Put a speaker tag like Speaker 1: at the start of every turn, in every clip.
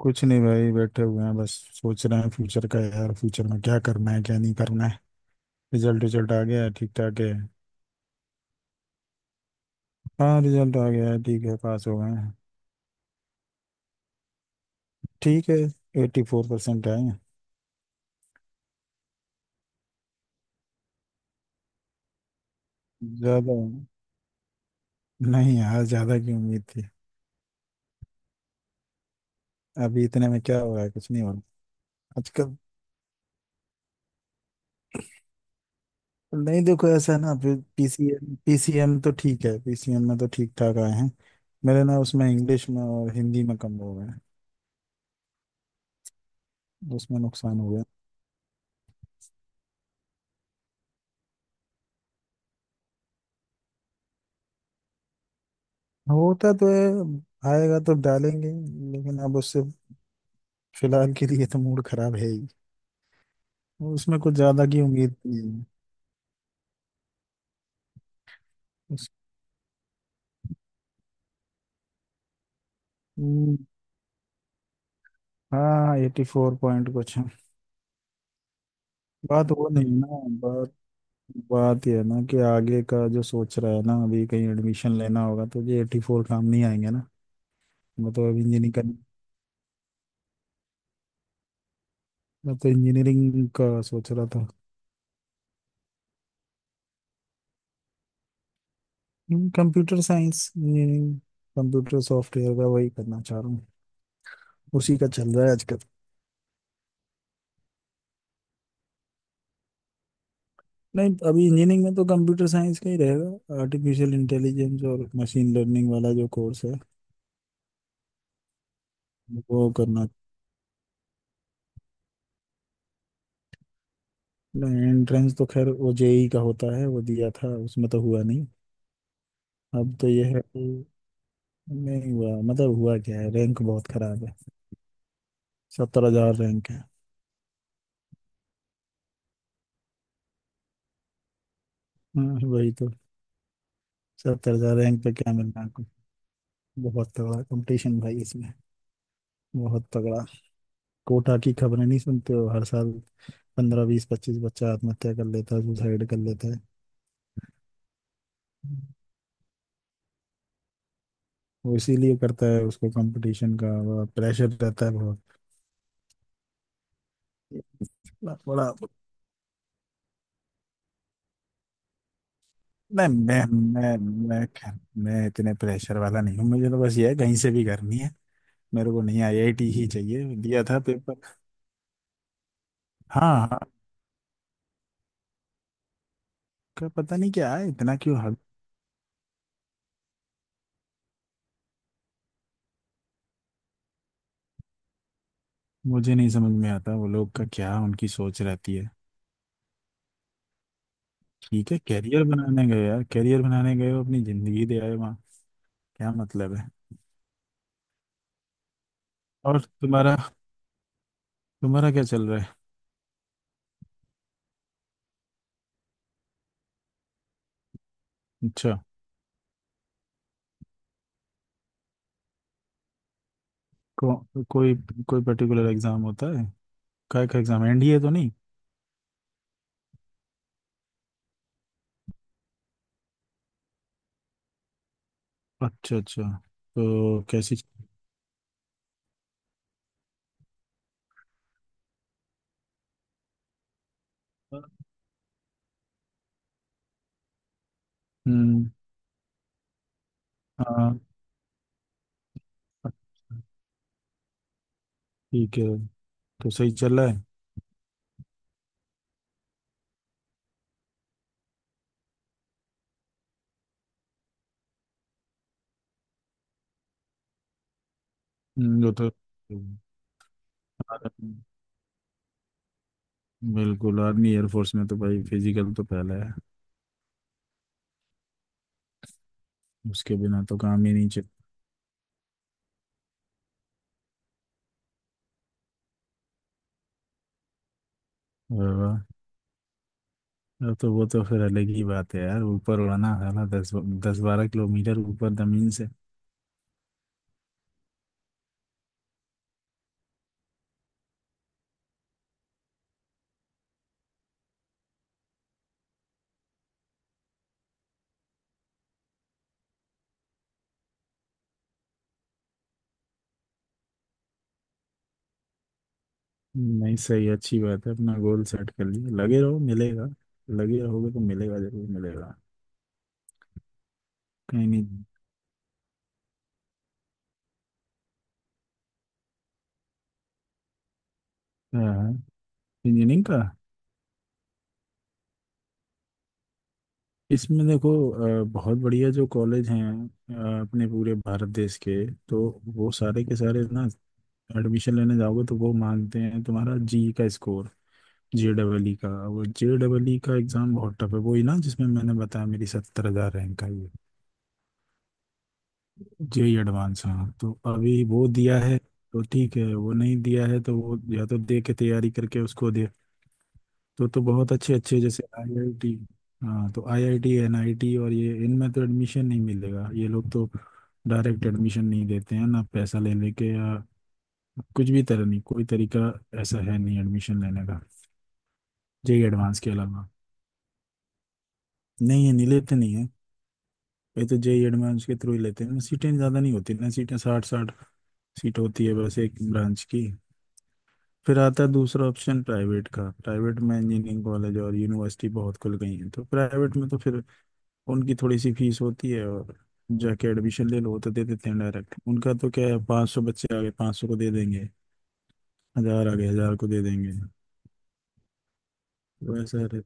Speaker 1: कुछ नहीं भाई, बैठे हुए हैं, बस सोच रहे हैं फ्यूचर का यार। फ्यूचर में क्या करना है क्या नहीं करना है। रिजल्ट रिजल्ट आ गया है, ठीक ठाक है। हाँ, रिजल्ट आ गया है, ठीक है, पास हो गए हैं। ठीक है, 84% आए हैं। ज़्यादा नहीं यार, ज़्यादा की उम्मीद थी। अभी इतने में क्या हो रहा है, कुछ नहीं हो रहा आजकल। नहीं, देखो ऐसा है ना, फिर पीसीएम पीसीएम तो ठीक है, पीसीएम में तो ठीक ठाक आए हैं। मेरे ना उसमें इंग्लिश में और हिंदी में कम हो गए हैं, उसमें नुकसान हुआ। होता तो है, आएगा तो डालेंगे ही, लेकिन अब उससे फिलहाल के लिए तो मूड खराब है ही। उसमें कुछ ज्यादा की उम्मीद नहीं है। उस, हम्म, हाँ, 84 पॉइंट कुछ है। बात वो नहीं है ना, बात बात ये है ना कि आगे का जो सोच रहा है ना, अभी कहीं एडमिशन लेना होगा तो ये 84 काम नहीं आएंगे ना। मैं तो अब इंजीनियरिंग का मैं तो इंजीनियरिंग का सोच रहा था। Computer science engineering, computer software का वही करना चाह रहा हूँ, उसी का चल रहा है। नहीं, अभी इंजीनियरिंग में तो कंप्यूटर साइंस का ही रहेगा, आर्टिफिशियल इंटेलिजेंस और मशीन लर्निंग वाला जो कोर्स है वो करना। एंट्रेंस तो खैर वो जेई का होता है, वो दिया था, उसमें तो हुआ नहीं। अब तो ये है कि नहीं हुआ, मतलब हुआ क्या है, रैंक बहुत खराब है, 70,000 रैंक है। हाँ, वही तो, 70,000 रैंक पे क्या मिलना आपको। बहुत तगड़ा कंपटीशन भाई इसमें, बहुत तगड़ा। कोटा की खबरें नहीं सुनते हो हर साल, 15, 20, 25 बच्चा आत्महत्या कर लेता है, सुसाइड कर लेता है। वो इसीलिए करता है, उसको कंपटीशन का प्रेशर रहता है बहुत। बड़ा बड़ा- नहीं, मैं मैं खैर, मैं इतने प्रेशर वाला नहीं हूँ, मुझे तो बस ये है, कहीं से भी करनी है, मेरे को नहीं आईआईटी ही चाहिए, दिया था पेपर। हाँ हाँ, का पता नहीं क्या है, इतना क्यों हग। मुझे नहीं समझ में आता वो लोग का क्या उनकी सोच रहती है। ठीक है, कैरियर बनाने गए यार, कैरियर बनाने गए हो, अपनी जिंदगी दे आए वहाँ, क्या मतलब है। और तुम्हारा, तुम्हारा क्या चल रहा है? अच्छा, को, कोई कोई पर्टिकुलर एग्जाम होता है, काय का एग्जाम, एनडीए तो नहीं? अच्छा अच्छा, तो कैसी, हम्म, हाँ। अच्छा, ठीक है, तो सही चल रहा है। वो तो बिल्कुल, आर्मी एयरफोर्स में तो भाई फिजिकल तो पहले है, उसके बिना तो काम ही नहीं चल। वाह, वाह। अब तो वो तो फिर अलग ही बात है यार, ऊपर उड़ना है ना, 10, 10, 12 किलोमीटर ऊपर जमीन से। नहीं, सही, अच्छी बात है, अपना गोल सेट कर लिया, लगे रहो मिलेगा, लगे रहोगे तो मिलेगा, जरूर मिलेगा। कहीं नहीं, हाँ, इंजीनियरिंग का, इसमें देखो, बहुत बढ़िया जो कॉलेज हैं अपने पूरे भारत देश के, तो वो सारे के सारे ना, एडमिशन लेने जाओगे तो वो मांगते हैं तुम्हारा जी का स्कोर, जे डबल ई का। वो जे डबल ई का एग्ज़ाम बहुत टफ है, वो ही ना जिसमें मैंने बताया मेरी 70,000 रैंक आई है। जे एडवांस, हाँ, तो अभी वो दिया है तो ठीक है। वो नहीं दिया है तो वो या तो दे के, तैयारी करके उसको दे, तो बहुत अच्छे अच्छे जैसे आईआईटी। हाँ तो आईआईटी, एनआईटी और ये इनमें तो एडमिशन नहीं मिलेगा, ये लोग तो डायरेक्ट एडमिशन नहीं देते हैं ना, पैसा ले लेके या कुछ भी तरह नहीं, कोई तरीका ऐसा है नहीं एडमिशन लेने का, जेई एडवांस के अलावा नहीं, ये नहीं लेते नहीं है, ये तो जेई एडवांस के थ्रू ही लेते हैं। सीटें ज़्यादा नहीं होती ना, सीटें 60-60 सीट होती है बस एक ब्रांच की। फिर आता है दूसरा ऑप्शन, प्राइवेट का, प्राइवेट में इंजीनियरिंग कॉलेज और यूनिवर्सिटी बहुत खुल गई हैं, तो प्राइवेट में तो फिर उनकी थोड़ी सी फीस होती है, और जाके एडमिशन ले लो, वो तो दे देते हैं डायरेक्ट, उनका तो क्या है, 500 बच्चे आ गए 500 को दे देंगे, हजार आ गए हजार को दे देंगे। वैसा रहे,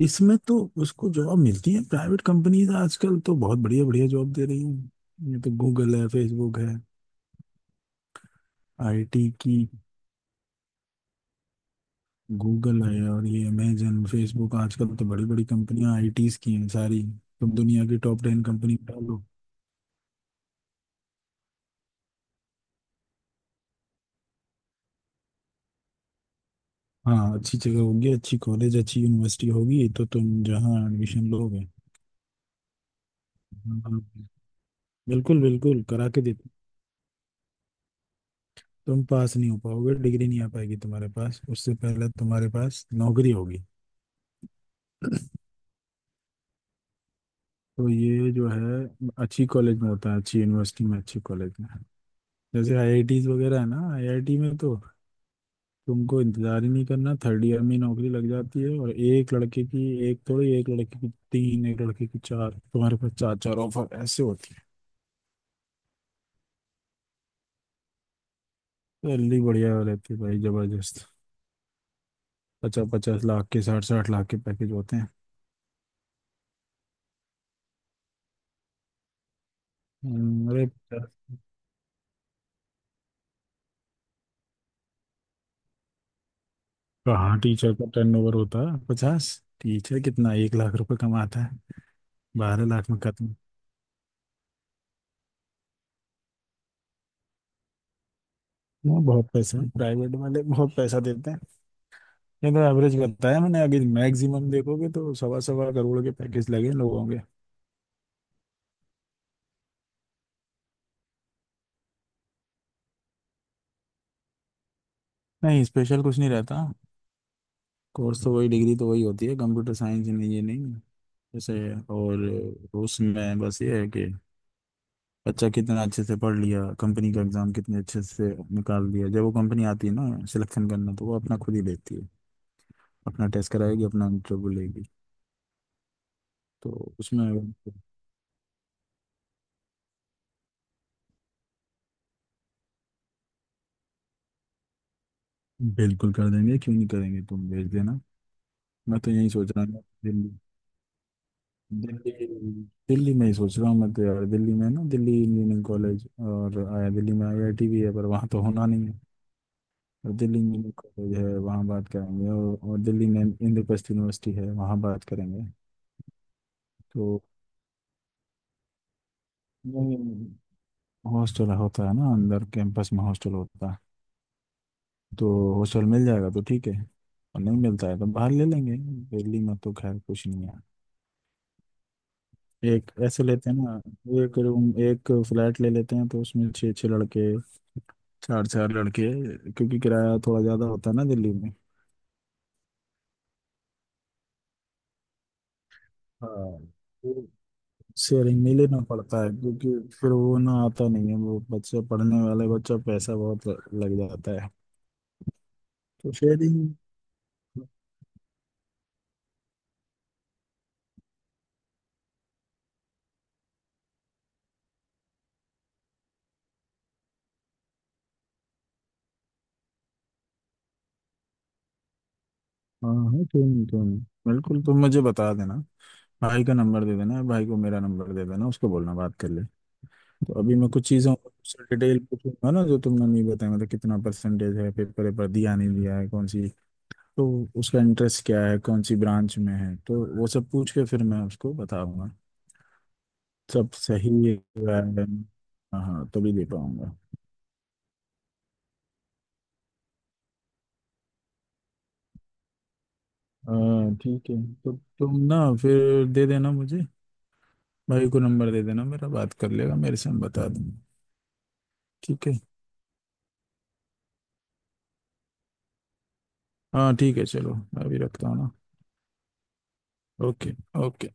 Speaker 1: इसमें तो उसको जॉब मिलती है, प्राइवेट कंपनीज आजकल तो बहुत बढ़िया बढ़िया जॉब दे रही हैं, ये तो गूगल है, फेसबुक है, आईटी की, गूगल है और ये अमेजन, फेसबुक, आजकल तो बड़ी बड़ी कंपनियां आईटीज की हैं सारी, तुम दुनिया की टॉप 10 कंपनी में डालो। हाँ, अच्छी जगह होगी, अच्छी कॉलेज, अच्छी यूनिवर्सिटी होगी तो तुम जहाँ एडमिशन लोगे, हाँ, बिल्कुल बिल्कुल करा के देते, तुम पास नहीं हो पाओगे, डिग्री नहीं आ पाएगी तुम्हारे पास, उससे पहले तुम्हारे पास नौकरी होगी। तो ये जो है अच्छी कॉलेज में होता है, अच्छी यूनिवर्सिटी में, अच्छी कॉलेज में, जैसे आईआईटीज वगैरह है ना, आईआईटी में तो तुमको इंतजार ही नहीं करना, थर्ड ईयर में ही नौकरी लग जाती है, और एक लड़के की एक, थोड़ी एक लड़के की तीन, एक लड़के की चार, तुम्हारे पास चार चार ऑफर ऐसे होती है। सैलरी बढ़िया रहती है भाई, जबरदस्त, 50-50 लाख के, 60-60 लाख के पैकेज होते हैं। अरे, कहाँ टीचर का टर्नओवर होता है 50, टीचर कितना 1 लाख रुपए कमाता है, 12 लाख में खत्म। ना, बहुत पैसा है, प्राइवेट वाले बहुत पैसा देते हैं। ये तो एवरेज बताया मैंने, अभी मैक्सिमम देखोगे तो 1.25-1.25 करोड़ के पैकेज लगे इन लोगों के। नहीं, स्पेशल कुछ नहीं रहता, कोर्स तो वही, डिग्री तो वही होती है, कंप्यूटर साइंस, नहीं ये नहीं जैसे, और उसमें बस ये है कि बच्चा कितना अच्छे से पढ़ लिया, कंपनी का एग्जाम कितने अच्छे से निकाल दिया, जब वो कंपनी आती है ना सिलेक्शन करना तो वो अपना खुद ही देखती है, अपना टेस्ट कराएगी, अपना इंटरव्यू लेगी। तो उसमें अगर- बिल्कुल कर देंगे, क्यों नहीं करेंगे, तुम भेज देना। मैं तो यही सोच रहा हूँ दिल्ली, दिल्ली दिल्ली में ही सोच रहा हूँ मैं तो यार, दिल्ली में ना, दिल्ली इंजीनियरिंग कॉलेज, और आया, दिल्ली में आईआईटी भी है पर वहाँ तो होना नहीं है, और दिल्ली इंजीनियरिंग कॉलेज है वहाँ बात करेंगे, और, दिल्ली में इंद्रप्रस्थ यूनिवर्सिटी है वहाँ बात करेंगे। तो नहीं, हॉस्टल होता है ना, अंदर कैंपस में हॉस्टल होता है, तो हॉस्टल मिल जाएगा तो ठीक है, और नहीं मिलता है तो बाहर ले लेंगे, दिल्ली में तो खैर कुछ नहीं है। एक ऐसे लेते हैं ना, एक रूम, एक फ्लैट ले लेते हैं तो उसमें छः छः लड़के, चार चार लड़के, क्योंकि किराया थोड़ा ज़्यादा होता है ना दिल्ली में। हाँ, शेयरिंग नहीं लेना पड़ता है, क्योंकि फिर वो ना आता नहीं है, वो बच्चे पढ़ने वाले बच्चा, पैसा बहुत लग जाता है तो शेयरिंग। हाँ हाँ, क्यों नहीं क्यों नहीं, बिल्कुल, तुम मुझे बता देना, भाई का नंबर दे देना, भाई को मेरा नंबर दे देना, उसको बोलना बात कर ले। तो अभी मैं कुछ चीज़ों डिटेल पूछूंगा ना जो तुमने नहीं बताया, मतलब कितना परसेंटेज है, पेपर पर दिया नहीं दिया है, कौन सी, तो उसका इंटरेस्ट क्या है, कौन सी ब्रांच में है, तो वो सब पूछ के फिर मैं उसको बताऊंगा, सब सही हुआ है, हाँ हाँ, तभी दे पाऊंगा। हाँ ठीक है, तो तुम ना फिर दे देना मुझे, भाई को नंबर दे देना मेरा, बात कर लेगा मेरे से, मैं बता दूंगा। ठीक है, हाँ ठीक है, चलो, अभी रखता हूँ ना। ओके। ओके।